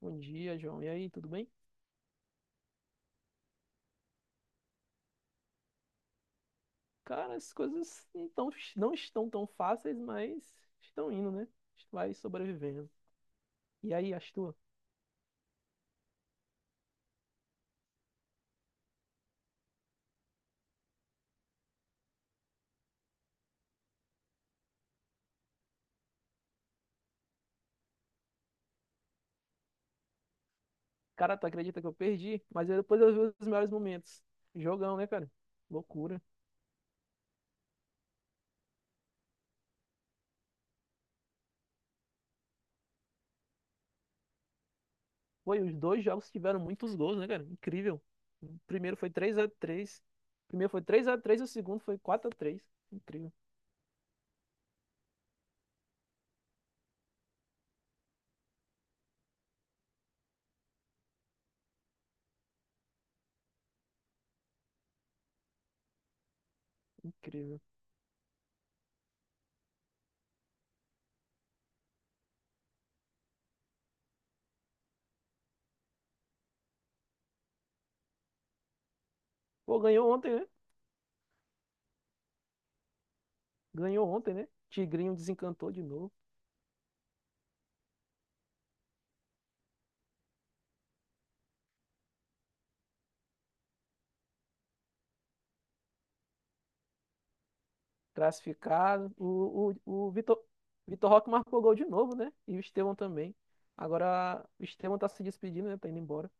Bom dia, João. E aí, tudo bem? Cara, as coisas não estão tão fáceis, mas estão indo, né? A gente vai sobrevivendo. E aí, as tuas? Cara, tu acredita que eu perdi? Depois eu vi os melhores momentos. Jogão, né, cara? Loucura. Foi, os dois jogos tiveram muitos gols, né, cara? Incrível. O primeiro foi três a três. O primeiro foi três a três e o segundo foi quatro a três. Incrível, incrível. Pô, ganhou ontem, né? Ganhou ontem, né? Tigrinho desencantou de novo. Classificado. O Vitor, Vitor Roque marcou gol de novo, né? E o Estevão também. Agora o Estevão tá se despedindo, né? Tá indo embora.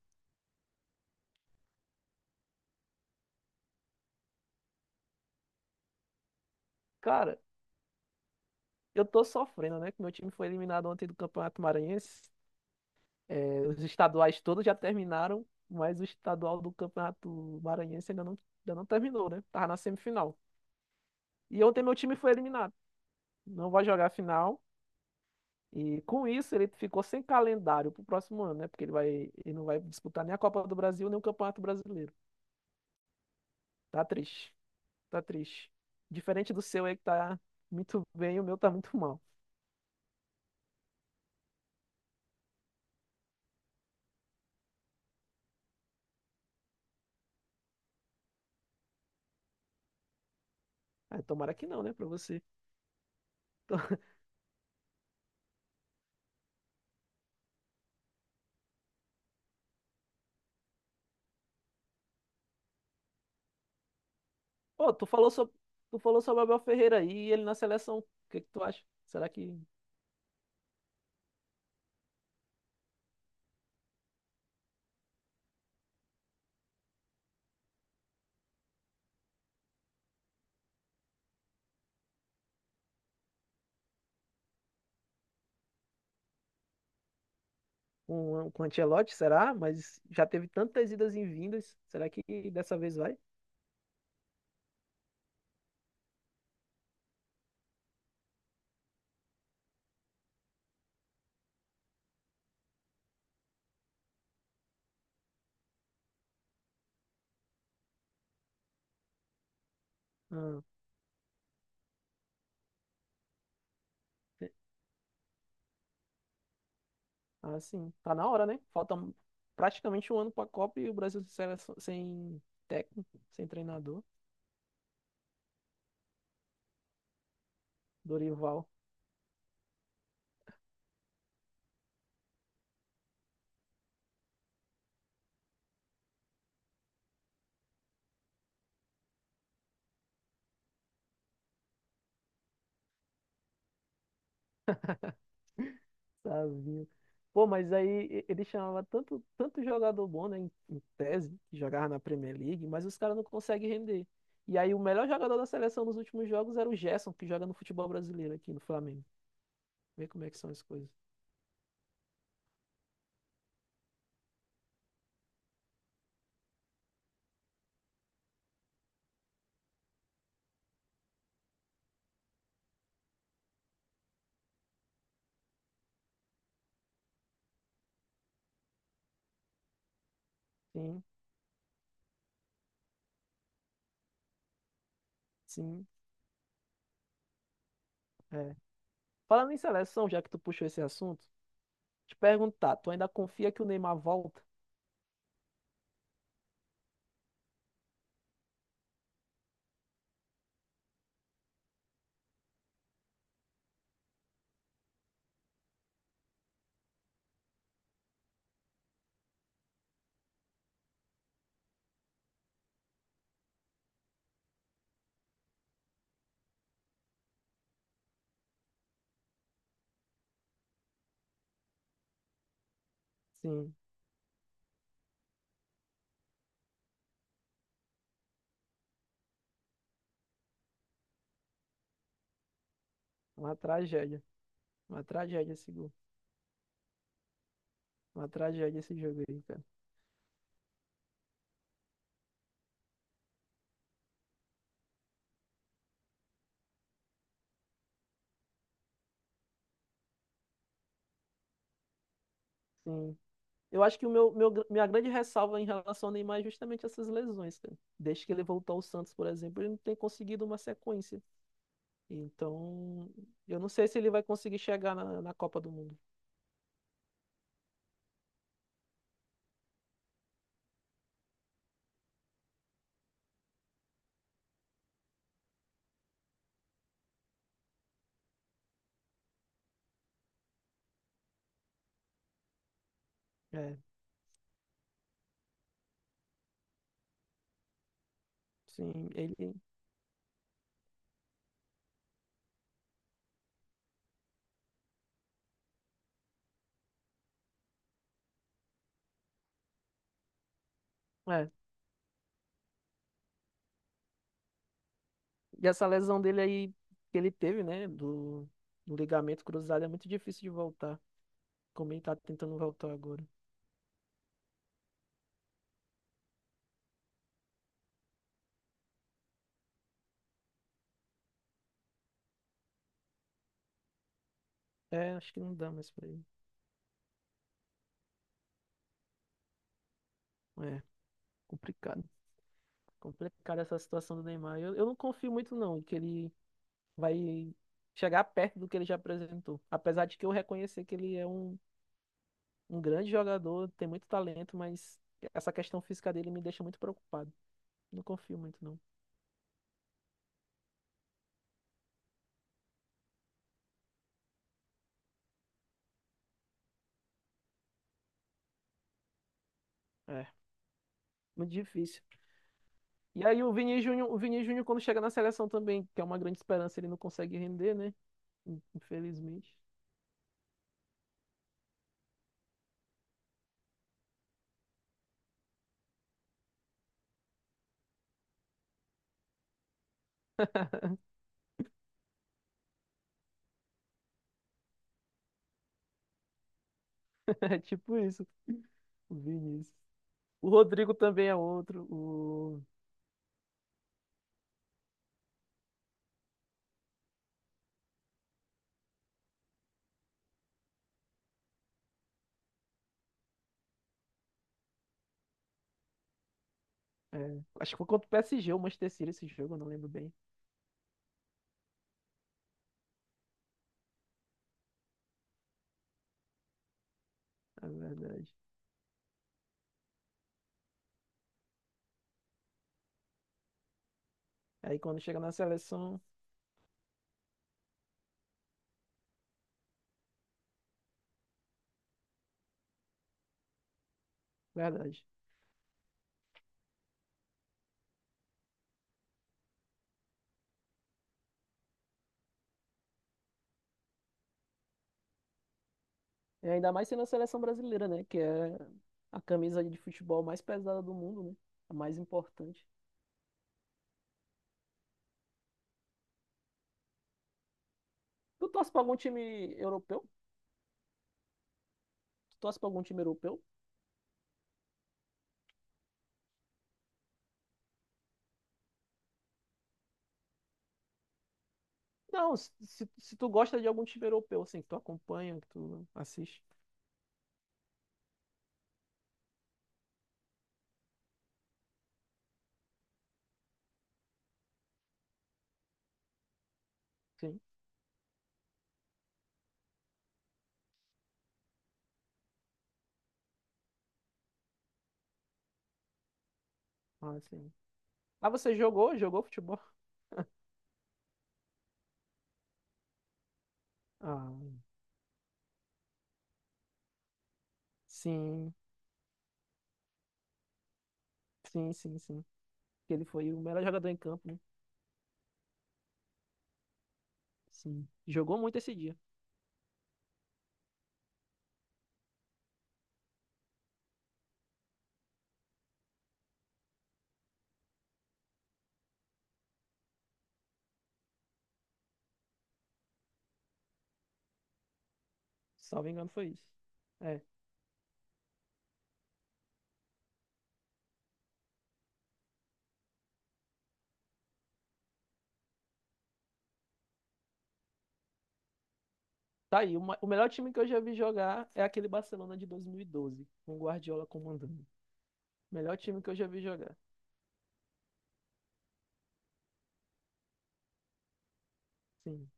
Cara, eu tô sofrendo, né? Que meu time foi eliminado ontem do Campeonato Maranhense. É, os estaduais todos já terminaram, mas o estadual do Campeonato Maranhense ainda não terminou, né? Tava na semifinal. E ontem meu time foi eliminado. Não vai jogar a final. E com isso ele ficou sem calendário pro próximo ano, né? Porque ele vai, ele não vai disputar nem a Copa do Brasil, nem o Campeonato Brasileiro. Tá triste, tá triste. Diferente do seu aí que tá muito bem, o meu tá muito mal. Ah, tomara que não, né, pra você. Tô- Pô, tu falou sobre o Abel Ferreira aí e ele na seleção. O que que tu acha? Será que com o Ancelotti, será? Mas já teve tantas idas e vindas. Será que dessa vez vai? Ah, te- ah, sim. Tá na hora, né? Falta praticamente um ano pra Copa e o Brasil sem técnico, sem treinador. Dorival. Savinho. Pô, mas aí ele chamava tanto, tanto jogador bom, né, em, em tese, que jogava na Premier League, mas os caras não conseguem render. E aí o melhor jogador da seleção nos últimos jogos era o Gerson, que joga no futebol brasileiro aqui no Flamengo. Vê como é que são as coisas. Sim, sim, é. Falando em seleção, já que tu puxou esse assunto, te perguntar, tu ainda confia que o Neymar volta? Sim, uma tragédia. Uma tragédia esse gol. Uma tragédia esse jogo aí, cara. Sim, eu acho que minha grande ressalva em relação ao Neymar é justamente essas lesões, cara. Desde que ele voltou ao Santos, por exemplo, ele não tem conseguido uma sequência. Então, eu não sei se ele vai conseguir chegar na, na Copa do Mundo. É, sim, ele. É. E essa lesão dele aí que ele teve, né, do, do ligamento cruzado, é muito difícil de voltar. Como ele tá tentando voltar agora. É, acho que não dá mais pra ele. É, complicado. Complicada essa situação do Neymar. Eu não confio muito, não, que ele vai chegar perto do que ele já apresentou. Apesar de que eu reconhecer que ele é um, um grande jogador, tem muito talento, mas essa questão física dele me deixa muito preocupado. Não confio muito, não. É, muito difícil. E aí o Vini Júnior quando chega na seleção também, que é uma grande esperança, ele não consegue render, né? Infelizmente. É tipo isso, o Vinícius. O Rodrigo também é outro. O... é, acho que foi contra o PSG, o Manchester City, esse jogo, eu não lembro bem. É verdade. Aí quando chega na seleção, verdade. É ainda mais sendo a seleção brasileira, né? Que é a camisa de futebol mais pesada do mundo, né? A mais importante. Tu torce pra algum time europeu? Tu torce pra algum time europeu? Não, se tu gosta de algum time europeu, assim, que tu acompanha, que tu assiste. Sim. Ah, sim. Ah, você jogou? Jogou futebol? Ah, sim. Sim, sim, sim. Que ele foi o melhor jogador em campo, né? Sim. Jogou muito esse dia. Salvo engano, foi isso. É. Tá aí, o melhor time que eu já vi jogar é aquele Barcelona de 2012, com o Guardiola comandando. Melhor time que eu já vi jogar. Sim.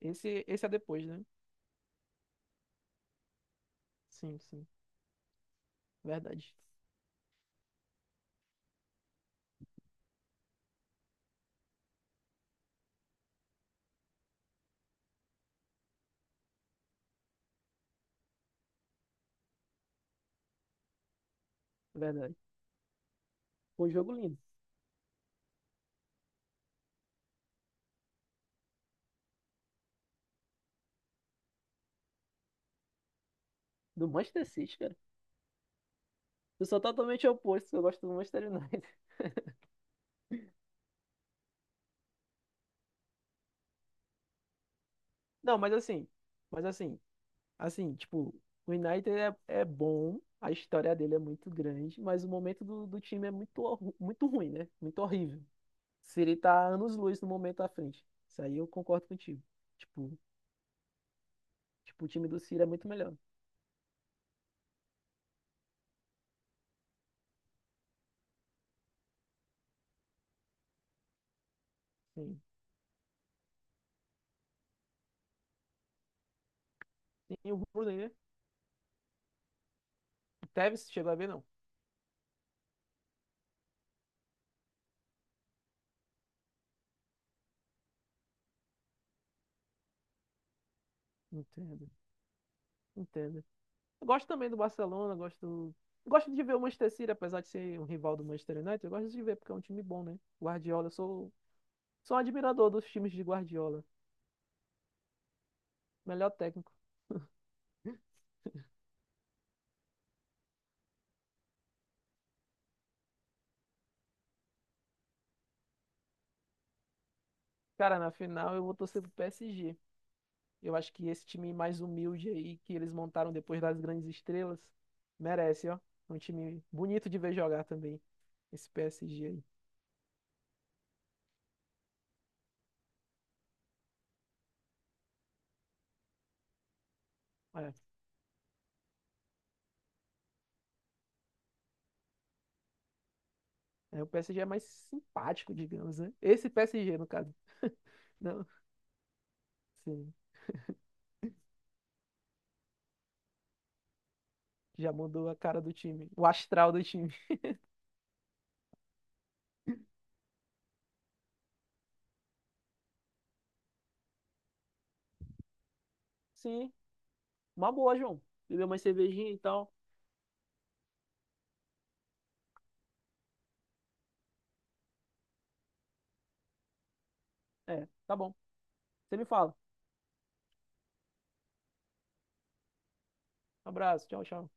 Esse é depois, né? Sim, sim. Verdade. Verdade. Foi um jogo lindo. Do Manchester City, cara. Eu sou totalmente oposto, eu gosto do Manchester United. Não, mas assim, assim, tipo, o United é, é bom, a história dele é muito grande, mas o momento do, do time é muito, muito ruim, né? Muito horrível. Siri tá anos-luz no momento à frente. Isso aí eu concordo contigo. Tipo, tipo, o time do Siri é muito melhor. Sim. E o Rooney, né? O Tevez chegou a ver, não. Entendo, entendo. Eu gosto também do Barcelona, gosto. Gosto de ver o Manchester City, apesar de ser um rival do Manchester United, eu gosto de ver porque é um time bom, né? Guardiola, eu sou, sou um admirador dos times de Guardiola. Melhor técnico. Cara, na final eu vou torcer pro PSG. Eu acho que esse time mais humilde aí que eles montaram depois das grandes estrelas merece, ó. Um time bonito de ver jogar também. Esse PSG aí. É, é, o PSG é mais simpático, digamos, né? Esse PSG, no caso. Não, sim. Já mudou a cara do time. O astral do time. Sim. Uma boa, João. Beber uma cervejinha e tal. É, tá bom. Você me fala. Um abraço. Tchau, tchau.